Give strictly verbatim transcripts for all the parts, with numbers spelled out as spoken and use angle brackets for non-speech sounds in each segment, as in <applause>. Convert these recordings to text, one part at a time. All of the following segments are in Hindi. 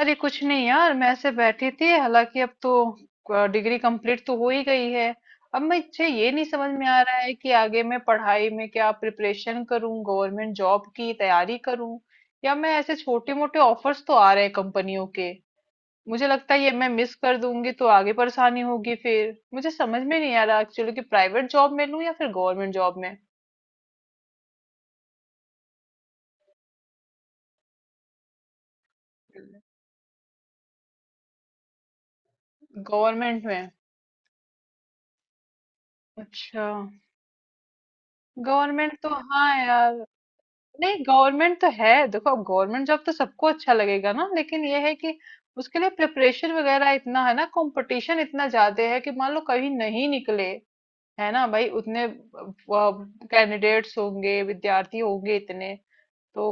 अरे कुछ नहीं यार, मैं ऐसे बैठी थी। हालांकि अब तो डिग्री कंप्लीट तो हो ही गई है। अब मुझे ये नहीं समझ में आ रहा है कि आगे मैं पढ़ाई में क्या प्रिपरेशन करूं, गवर्नमेंट जॉब की तैयारी करूं या मैं ऐसे, छोटे मोटे ऑफर्स तो आ रहे हैं कंपनियों के, मुझे लगता है ये मैं मिस कर दूंगी तो आगे परेशानी होगी। फिर मुझे समझ में नहीं आ रहा एक्चुअली कि प्राइवेट जॉब में लूं या फिर गवर्नमेंट जॉब में। गवर्नमेंट में। अच्छा। गवर्नमेंट तो हाँ यार। नहीं, गवर्नमेंट तो है, देखो अब गवर्नमेंट जॉब तो सबको अच्छा लगेगा ना, लेकिन ये है कि उसके लिए प्रिपरेशन वगैरह इतना है ना, कंपटीशन इतना ज्यादा है कि मान लो कहीं नहीं निकले। है ना भाई, उतने कैंडिडेट्स होंगे, विद्यार्थी होंगे इतने, तो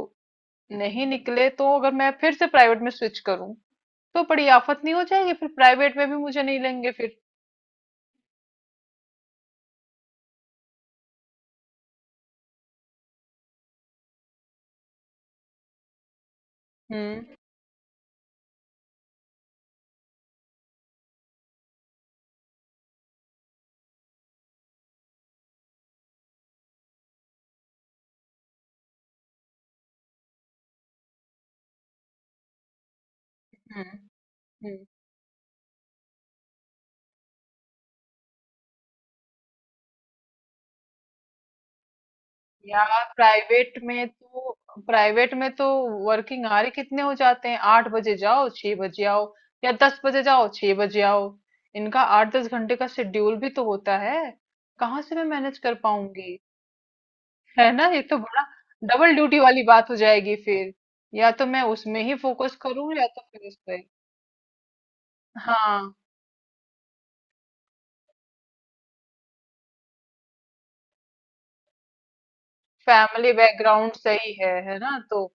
नहीं निकले तो अगर मैं फिर से प्राइवेट में स्विच करूं तो बड़ी आफत नहीं हो जाएगी? फिर प्राइवेट में भी मुझे नहीं लेंगे फिर। हम्म। हम्म। यार प्राइवेट में तो, प्राइवेट में तो वर्किंग आवर कितने हो जाते हैं, आठ बजे जाओ छह बजे आओ या दस बजे जाओ छह बजे आओ। इनका आठ दस घंटे का शेड्यूल भी तो होता है। कहाँ से मैं मैनेज कर पाऊंगी? है ना, ये तो बड़ा डबल ड्यूटी वाली बात हो जाएगी फिर। या तो मैं उसमें ही फोकस करूँ या तो फिर इस पे। हाँ, फैमिली बैकग्राउंड सही है है ना, तो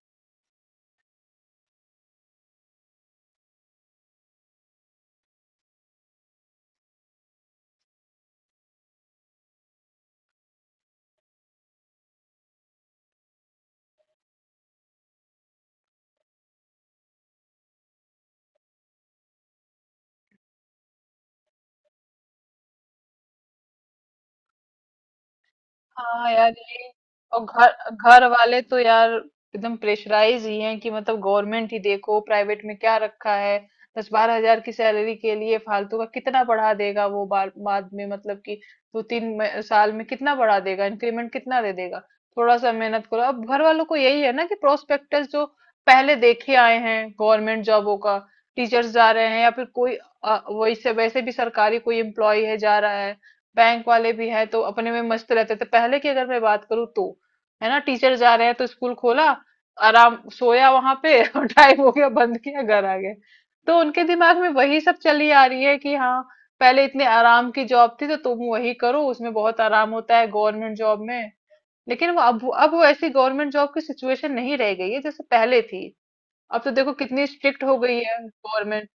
हाँ यार। ये और घर घर वाले तो यार एकदम प्रेशराइज ही हैं कि मतलब गवर्नमेंट ही, देखो प्राइवेट में क्या रखा है। दस बारह हजार की सैलरी के लिए फालतू का। कितना बढ़ा देगा वो बार, बाद में मतलब कि दो तीन म- साल में कितना बढ़ा देगा, इंक्रीमेंट कितना दे देगा। थोड़ा सा मेहनत करो, अब घर वालों को यही है ना कि प्रोस्पेक्टस जो पहले देखे आए हैं गवर्नमेंट जॉबों का, टीचर्स जा रहे हैं या फिर कोई अ, वैसे वैसे भी सरकारी कोई एम्प्लॉय है जा रहा है, बैंक वाले भी हैं, तो अपने में मस्त रहते थे पहले की अगर मैं बात करूँ तो। है ना, टीचर जा रहे हैं तो स्कूल खोला, आराम सोया वहां पे <laughs> और टाइम हो गया बंद किया, घर आ गए। तो उनके दिमाग में वही सब चली आ रही है कि हाँ पहले इतने आराम की जॉब थी तो तुम वही करो, उसमें बहुत आराम होता है गवर्नमेंट जॉब में। लेकिन वो अब अब वो ऐसी गवर्नमेंट जॉब की सिचुएशन नहीं रह गई है जैसे पहले थी। अब तो देखो कितनी स्ट्रिक्ट हो गई है गवर्नमेंट।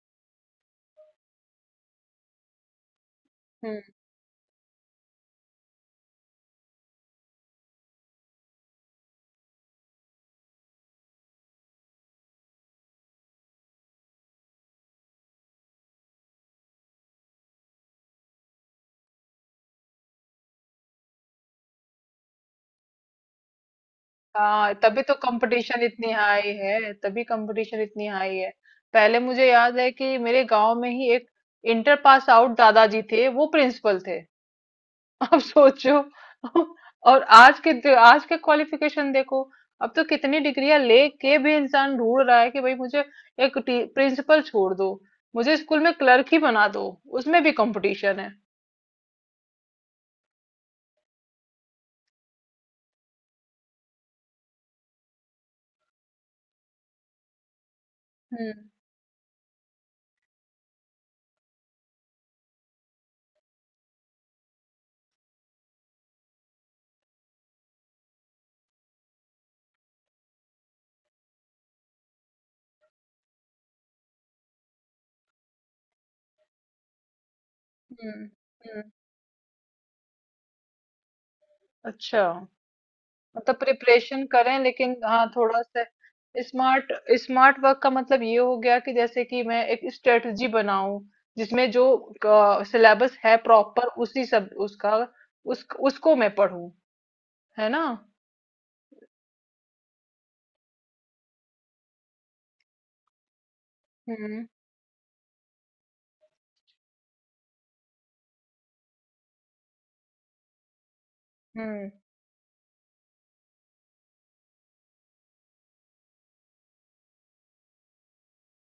हाँ तभी तो कंपटीशन इतनी हाई है, तभी कंपटीशन इतनी हाई है। पहले मुझे याद है कि मेरे गांव में ही एक इंटर पास आउट दादाजी थे, वो प्रिंसिपल थे <laughs> अब सोचो और आज के, आज के क्वालिफिकेशन देखो। अब तो कितनी डिग्रियां लेके भी इंसान ढूंढ रहा है कि भाई मुझे एक प्रिंसिपल छोड़ दो, मुझे स्कूल में क्लर्क ही बना दो, उसमें भी कंपटीशन है। हम्म। हम्म। हम्म। अच्छा, मतलब प्रिपरेशन करें लेकिन हाँ थोड़ा सा स्मार्ट। स्मार्ट वर्क का मतलब ये हो गया कि जैसे कि मैं एक स्ट्रेटजी बनाऊं जिसमें जो सिलेबस है प्रॉपर, उसी सब उसका, उस उसको मैं पढूं, है ना। हम्म। हम्म।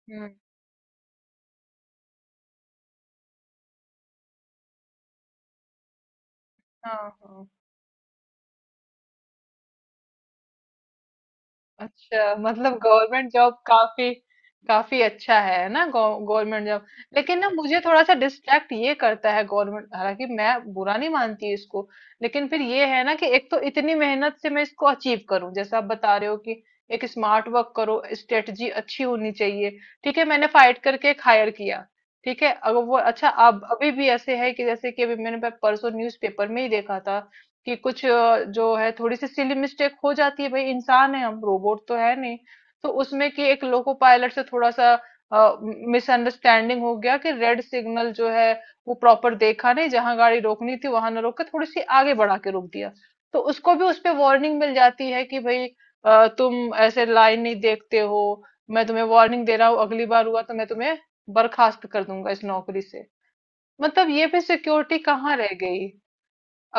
हम्म। हाँ, हाँ। अच्छा मतलब गवर्नमेंट जॉब काफी, काफी अच्छा है ना गवर्नमेंट जॉब। लेकिन ना मुझे थोड़ा सा डिस्ट्रैक्ट ये करता है गवर्नमेंट, हालांकि मैं बुरा नहीं मानती इसको, लेकिन फिर ये है ना कि एक तो इतनी मेहनत से मैं इसको अचीव करूं, जैसा आप बता रहे हो कि एक स्मार्ट वर्क करो, स्ट्रेटजी अच्छी होनी चाहिए, ठीक है, मैंने फाइट करके एक हायर किया, ठीक है। अगर वो अच्छा, अब अभी भी ऐसे है कि जैसे कि अभी मैंने परसों न्यूज़पेपर में ही देखा था कि कुछ अ, जो है थोड़ी सी सिली मिस्टेक हो जाती है, भाई इंसान है, हम रोबोट तो है नहीं, तो उसमें कि एक लोको पायलट से थोड़ा सा मिसअंडरस्टैंडिंग हो गया कि रेड सिग्नल जो है वो प्रॉपर देखा नहीं, जहां गाड़ी रोकनी थी वहां ना रोक के थोड़ी सी आगे बढ़ा के रोक दिया। तो उसको भी उस पे वार्निंग मिल जाती है कि भाई अ, तुम ऐसे लाइन नहीं देखते हो, मैं तुम्हें वार्निंग दे रहा हूँ, अगली बार हुआ तो मैं तुम्हें बर्खास्त कर दूंगा इस नौकरी से। मतलब ये भी सिक्योरिटी कहाँ रह गई?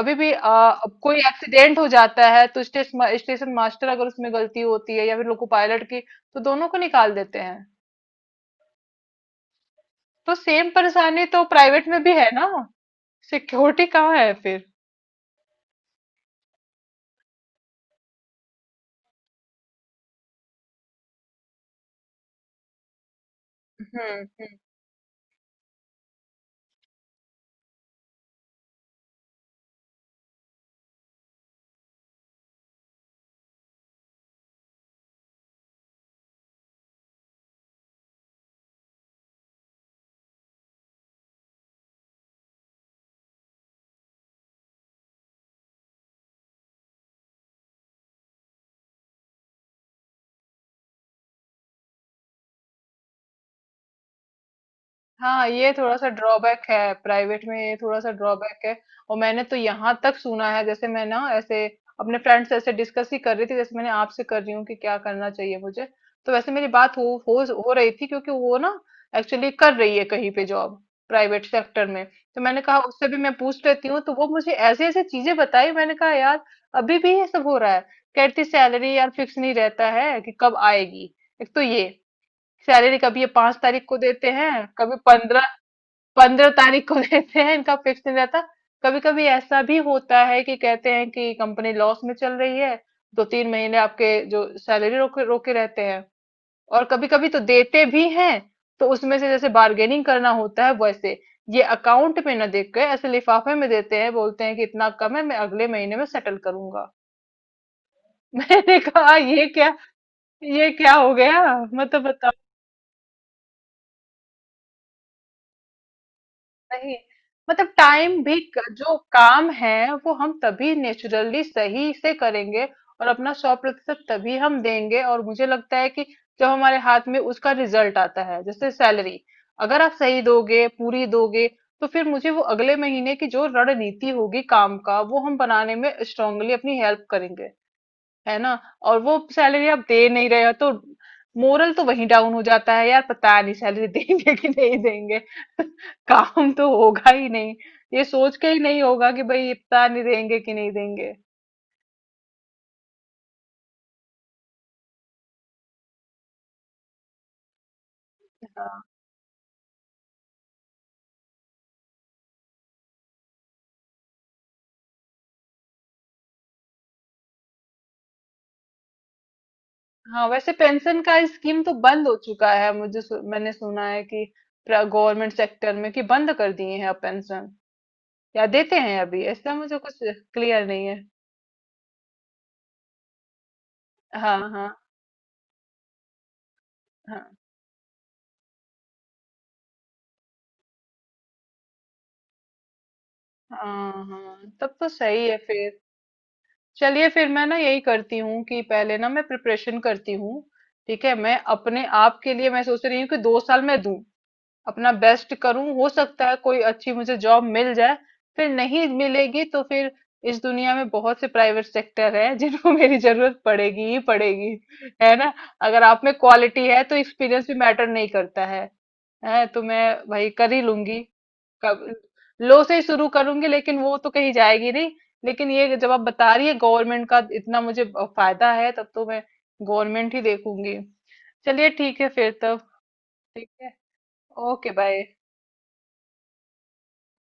अभी भी अ, अब कोई एक्सीडेंट हो जाता है तो स्टेशन, स्टेशन मास्टर, अगर उसमें गलती होती है या फिर लोको पायलट की, तो दोनों को निकाल देते हैं। तो सेम परेशानी तो प्राइवेट में भी है ना, सिक्योरिटी कहाँ है फिर? हम्म। हाँ, ये थोड़ा सा ड्रॉबैक है प्राइवेट में, ये थोड़ा सा ड्रॉबैक है। और मैंने तो यहाँ तक सुना है, जैसे मैं ना ऐसे अपने फ्रेंड से ऐसे डिस्कस ही कर रही थी जैसे मैंने आपसे कर रही हूँ कि क्या करना चाहिए मुझे, तो वैसे मेरी बात हो हो हो रही थी, क्योंकि वो ना एक्चुअली कर रही है कहीं पे जॉब, प्राइवेट सेक्टर में। तो मैंने कहा उससे भी मैं पूछ लेती हूँ, तो वो मुझे ऐसी ऐसी चीजें बताई, मैंने कहा यार अभी भी ये सब हो रहा है। कहती सैलरी यार फिक्स नहीं रहता है कि कब आएगी। एक तो ये, सैलरी कभी ये पांच तारीख को देते हैं, कभी पंद्रह, पंद्रह तारीख को <laughs> लेते हैं, इनका फिक्स नहीं रहता। कभी कभी ऐसा भी होता है कि कहते हैं कि कंपनी लॉस में चल रही है, दो तीन महीने आपके जो सैलरी रोके रोके रहते हैं और कभी कभी तो देते भी हैं। तो उसमें से जैसे बार्गेनिंग करना होता है वैसे ये अकाउंट में ना देख के ऐसे लिफाफे में देते हैं, बोलते हैं कि इतना कम है, मैं अगले महीने में सेटल करूंगा <laughs> मैंने कहा ये क्या, ये क्या हो गया, मतलब बताओ। नहीं, मतलब टाइम भी क- जो काम है वो हम तभी नेचुरली सही से करेंगे और अपना सौ प्रतिशत तभी हम देंगे, और मुझे लगता है कि जब हमारे हाथ में उसका रिजल्ट आता है जैसे सैलरी, अगर आप सही दोगे, पूरी दोगे, तो फिर मुझे वो अगले महीने की जो रणनीति होगी काम का, वो हम बनाने में स्ट्रांगली अपनी हेल्प करेंगे, है ना। और वो सैलरी आप दे नहीं रहे हो तो मोरल तो वहीं डाउन हो जाता है यार, पता नहीं सैलरी <laughs> देंगे कि नहीं देंगे <laughs> काम तो होगा ही नहीं, ये सोच के ही नहीं होगा कि भाई पता नहीं देंगे कि नहीं देंगे। हाँ। हाँ, वैसे पेंशन का स्कीम तो बंद हो चुका है, मुझे सु, मैंने सुना है कि गवर्नमेंट सेक्टर में कि बंद कर दिए हैं अब पेंशन, या देते हैं अभी, ऐसा मुझे कुछ क्लियर नहीं है। हाँ हाँ। हाँ। हाँ। हाँ तब तो सही है फिर। चलिए फिर मैं ना यही करती हूँ कि पहले ना मैं प्रिपरेशन करती हूँ, ठीक है। मैं अपने आप के लिए मैं सोच रही हूँ कि दो साल मैं दूं, अपना बेस्ट करूँ, हो सकता है कोई अच्छी मुझे जॉब मिल जाए। फिर नहीं मिलेगी तो फिर इस दुनिया में बहुत से प्राइवेट सेक्टर है <laughs> जिनको मेरी जरूरत पड़ेगी ही पड़ेगी, है ना। अगर आप में क्वालिटी है तो एक्सपीरियंस भी मैटर नहीं करता है है तो मैं भाई कर ही लूंगी। कब, लो से ही शुरू करूंगी, लेकिन वो तो कहीं जाएगी नहीं। लेकिन ये जब आप बता रही है गवर्नमेंट का इतना मुझे फायदा है, तब तो मैं गवर्नमेंट ही देखूंगी। चलिए ठीक है फिर तब। ठीक है। Okay bye.